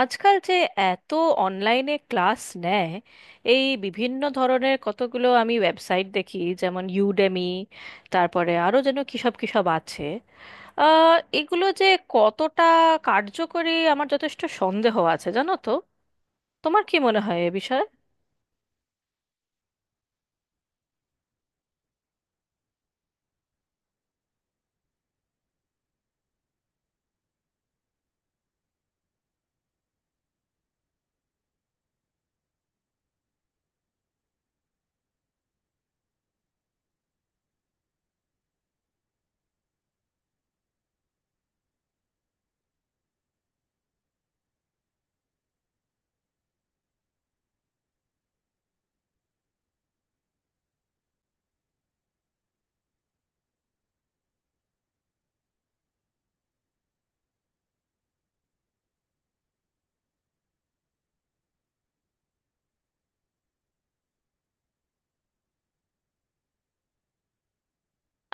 আজকাল যে এত অনলাইনে ক্লাস নেয়, এই বিভিন্ন ধরনের কতগুলো আমি ওয়েবসাইট দেখি, যেমন ইউডেমি। তারপরে আরও যেন কী সব কী সব আছে। এগুলো যে কতটা কার্যকরী আমার যথেষ্ট সন্দেহ আছে, জানো তো। তোমার কি মনে হয় এ বিষয়ে?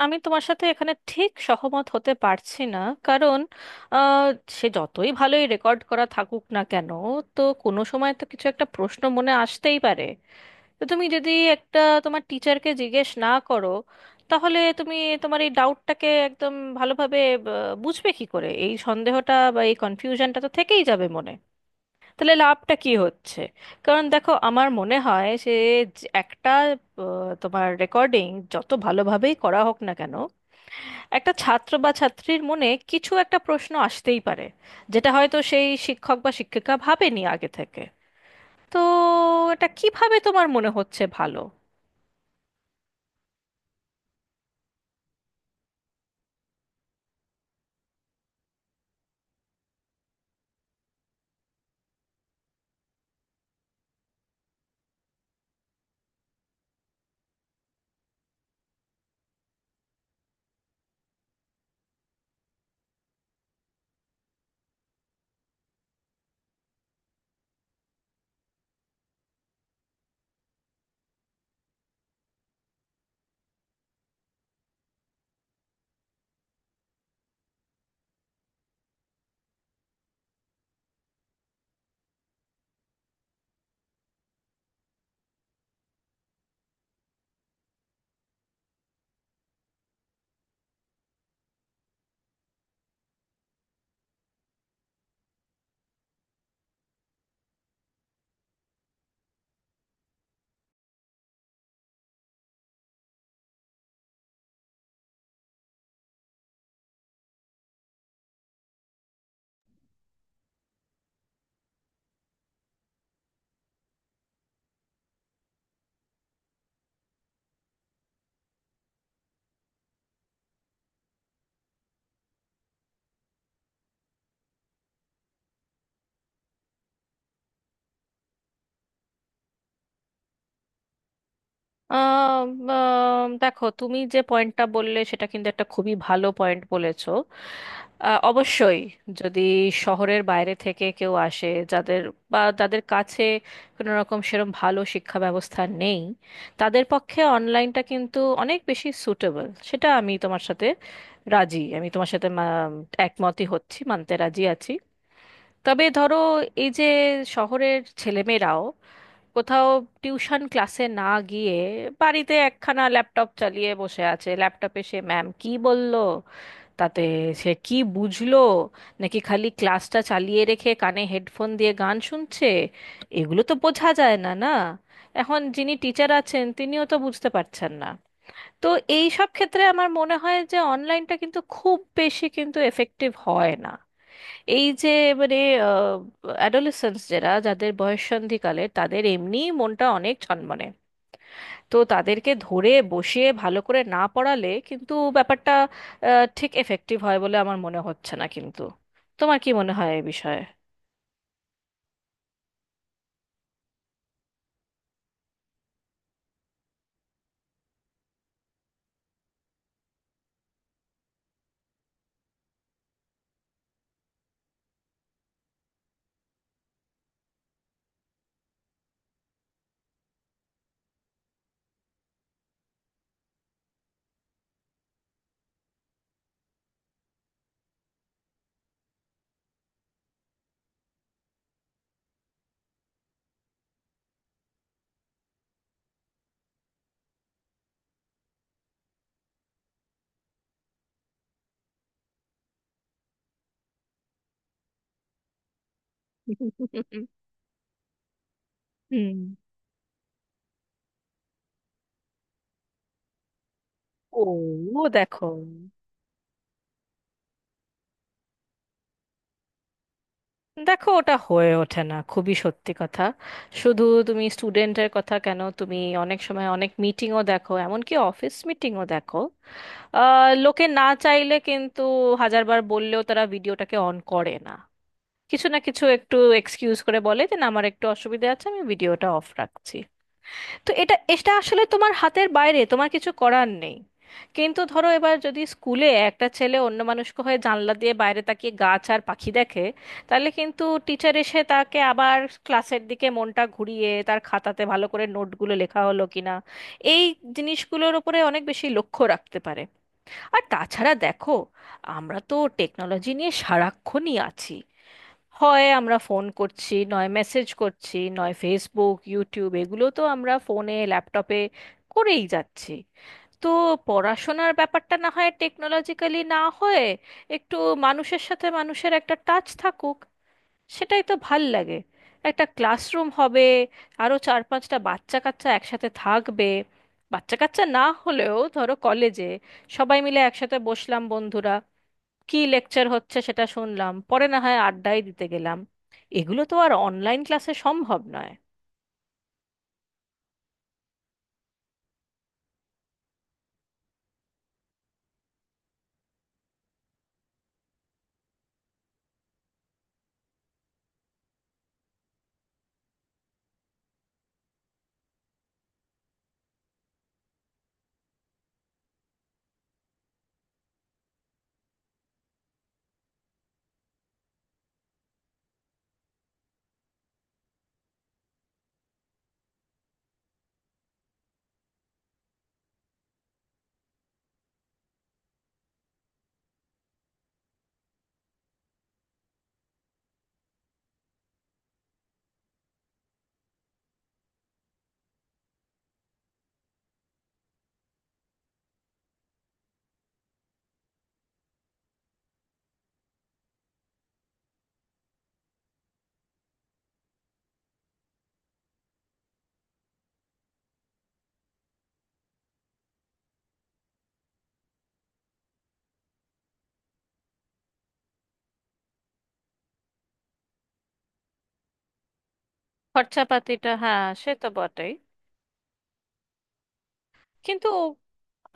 আমি তোমার সাথে এখানে ঠিক সহমত হতে পারছি না। কারণ আহ, সে যতই ভালোই রেকর্ড করা থাকুক না কেন, তো কোনো সময় তো কিছু একটা প্রশ্ন মনে আসতেই পারে। তো তুমি যদি একটা তোমার টিচারকে জিজ্ঞেস না করো, তাহলে তুমি তোমার এই ডাউটটাকে একদম ভালোভাবে বুঝবে কি করে? এই সন্দেহটা বা এই কনফিউশনটা তো থেকেই যাবে মনে। তাহলে লাভটা কি হচ্ছে? কারণ দেখো, আমার মনে হয় সে যে একটা তোমার রেকর্ডিং যত ভালোভাবেই করা হোক না কেন, একটা ছাত্র বা ছাত্রীর মনে কিছু একটা প্রশ্ন আসতেই পারে, যেটা হয়তো সেই শিক্ষক বা শিক্ষিকা ভাবেনি আগে থেকে। তো এটা কিভাবে তোমার মনে হচ্ছে ভালো? আহ, দেখো, তুমি যে পয়েন্টটা বললে সেটা কিন্তু একটা খুবই ভালো পয়েন্ট বলেছো। অবশ্যই, যদি শহরের বাইরে থেকে কেউ আসে যাদের, বা যাদের কাছে কোনো রকম সেরকম ভালো শিক্ষা ব্যবস্থা নেই, তাদের পক্ষে অনলাইনটা কিন্তু অনেক বেশি সুটেবল। সেটা আমি তোমার সাথে রাজি, আমি তোমার সাথে একমতই হচ্ছি, মানতে রাজি আছি। তবে ধরো এই যে শহরের ছেলেমেয়েরাও কোথাও টিউশন ক্লাসে না গিয়ে বাড়িতে একখানা ল্যাপটপ চালিয়ে বসে আছে, ল্যাপটপে সে ম্যাম কি বলল, তাতে সে কি বুঝলো, নাকি খালি ক্লাসটা চালিয়ে রেখে কানে হেডফোন দিয়ে গান শুনছে, এগুলো তো বোঝা যায় না, না? এখন যিনি টিচার আছেন তিনিও তো বুঝতে পারছেন না। তো এই সব ক্ষেত্রে আমার মনে হয় যে অনলাইনটা কিন্তু খুব বেশি কিন্তু এফেক্টিভ হয় না। এই যে মানে অ্যাডোলেসেন্স যারা, যাদের বয়ঃসন্ধিকালে, তাদের এমনি মনটা অনেক ছনমনে। তো তাদেরকে ধরে বসিয়ে ভালো করে না পড়ালে কিন্তু ব্যাপারটা ঠিক এফেক্টিভ হয় বলে আমার মনে হচ্ছে না কিন্তু। তোমার কি মনে হয় এই বিষয়ে? হুম। ও। দেখো, দেখো, ওটা হয়ে ওঠে না, খুবই সত্যি কথা। শুধু তুমি স্টুডেন্টের কথা কেন, তুমি অনেক সময় অনেক মিটিংও দেখো, এমনকি অফিস মিটিংও দেখো, লোকে না চাইলে কিন্তু হাজারবার বললেও তারা ভিডিওটাকে অন করে না। কিছু না কিছু একটু এক্সকিউজ করে বলে যে না, আমার একটু অসুবিধা আছে, আমি ভিডিওটা অফ রাখছি। তো এটা এটা আসলে তোমার হাতের বাইরে, তোমার কিছু করার নেই। কিন্তু ধরো এবার যদি স্কুলে একটা ছেলে অন্য মানুষকে হয়ে জানলা দিয়ে বাইরে তাকিয়ে গাছ আর পাখি দেখে, তাহলে কিন্তু টিচার এসে তাকে আবার ক্লাসের দিকে মনটা ঘুরিয়ে, তার খাতাতে ভালো করে নোটগুলো লেখা হলো কিনা এই জিনিসগুলোর ওপরে অনেক বেশি লক্ষ্য রাখতে পারে। আর তাছাড়া দেখো, আমরা তো টেকনোলজি নিয়ে সারাক্ষণই আছি। হয় আমরা ফোন করছি, নয় মেসেজ করছি, নয় ফেসবুক ইউটিউব এগুলো তো আমরা ফোনে ল্যাপটপে করেই যাচ্ছি। তো পড়াশোনার ব্যাপারটা না হয় টেকনোলজিক্যালি না হয়ে, একটু মানুষের সাথে মানুষের একটা টাচ থাকুক, সেটাই তো ভাল লাগে। একটা ক্লাসরুম হবে, আরও চার পাঁচটা বাচ্চা কাচ্চা একসাথে থাকবে, বাচ্চা কাচ্চা না হলেও ধরো কলেজে সবাই মিলে একসাথে বসলাম বন্ধুরা, কি লেকচার হচ্ছে সেটা শুনলাম, পরে না হয় আড্ডাই দিতে গেলাম। এগুলো তো আর অনলাইন ক্লাসে সম্ভব নয়। খরচাপাতিটা, হ্যাঁ সে তো বটেই। কিন্তু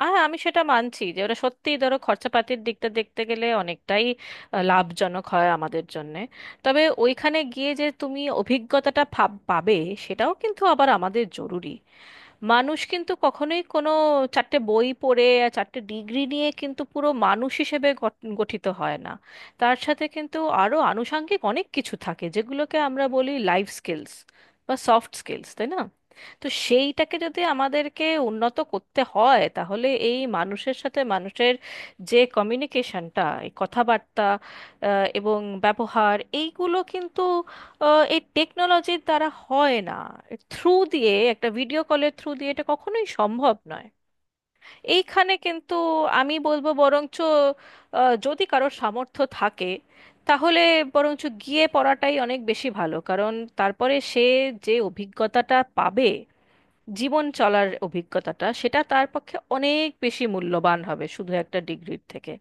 হ্যাঁ আমি সেটা মানছি যে ওরা সত্যিই ধরো খরচাপাতির দিকটা দেখতে গেলে অনেকটাই লাভজনক হয় আমাদের জন্যে। তবে ওইখানে গিয়ে যে তুমি অভিজ্ঞতাটা পাবে সেটাও কিন্তু আবার আমাদের জরুরি। মানুষ কিন্তু কখনোই কোনো চারটে বই পড়ে আর চারটে ডিগ্রি নিয়ে কিন্তু পুরো মানুষ হিসেবে গঠিত হয় না। তার সাথে কিন্তু আরো আনুষাঙ্গিক অনেক কিছু থাকে যেগুলোকে আমরা বলি লাইফ স্কিলস বা সফট স্কিলস, তাই না? তো সেইটাকে যদি আমাদেরকে উন্নত করতে হয়, তাহলে এই মানুষের সাথে মানুষের যে কমিউনিকেশনটা, এই কথাবার্তা এবং ব্যবহার, এইগুলো কিন্তু এই টেকনোলজির দ্বারা হয় না। থ্রু দিয়ে, একটা ভিডিও কলের থ্রু দিয়ে এটা কখনোই সম্ভব নয়। এইখানে কিন্তু আমি বলবো, বরঞ্চ যদি কারোর সামর্থ্য থাকে, তাহলে বরঞ্চ গিয়ে পড়াটাই অনেক বেশি ভালো, কারণ তারপরে সে যে অভিজ্ঞতাটা পাবে, জীবন চলার অভিজ্ঞতাটা, সেটা তার পক্ষে অনেক বেশি মূল্যবান হবে শুধু একটা ডিগ্রির থেকে।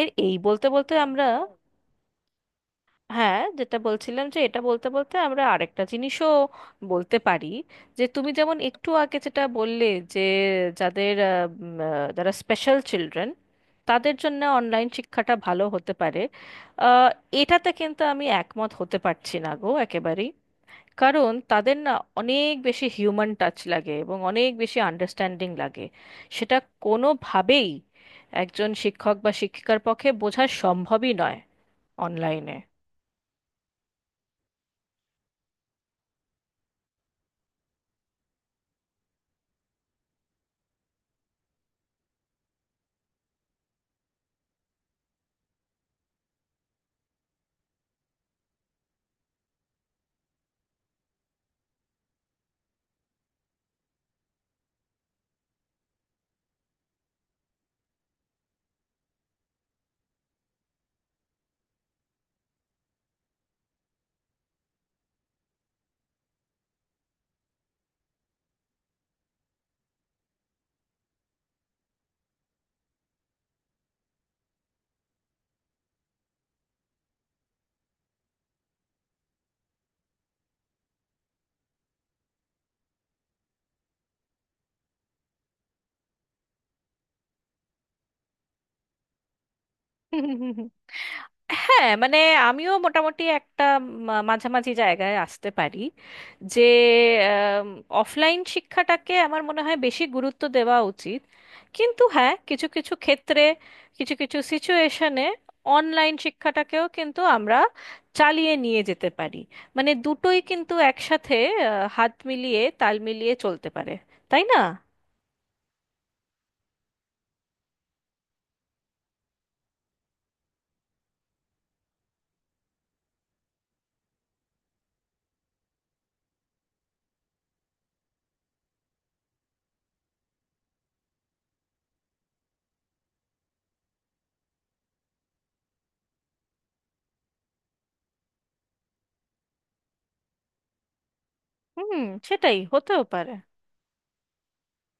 এর এই বলতে বলতে আমরা, হ্যাঁ যেটা বলছিলাম, যে এটা বলতে বলতে আমরা আরেকটা জিনিসও বলতে পারি। যে তুমি যেমন একটু আগে যেটা বললে, যে যাদের যারা স্পেশাল চিলড্রেন, তাদের জন্য অনলাইন শিক্ষাটা ভালো হতে পারে। আহ, এটাতে কিন্তু আমি একমত হতে পারছি না গো, একেবারেই। কারণ তাদের না অনেক বেশি হিউম্যান টাচ লাগে এবং অনেক বেশি আন্ডারস্ট্যান্ডিং লাগে। সেটা কোনোভাবেই একজন শিক্ষক বা শিক্ষিকার পক্ষে বোঝা সম্ভবই নয় অনলাইনে। হ্যাঁ মানে আমিও মোটামুটি একটা মাঝামাঝি জায়গায় আসতে পারি। যে অফলাইন শিক্ষাটাকে আমার মনে হয় বেশি গুরুত্ব দেওয়া উচিত, কিন্তু হ্যাঁ কিছু কিছু ক্ষেত্রে, কিছু কিছু সিচুয়েশনে অনলাইন শিক্ষাটাকেও কিন্তু আমরা চালিয়ে নিয়ে যেতে পারি। মানে দুটোই কিন্তু একসাথে হাত মিলিয়ে তাল মিলিয়ে চলতে পারে, তাই না? হুম। সেটাই হতেও পারে।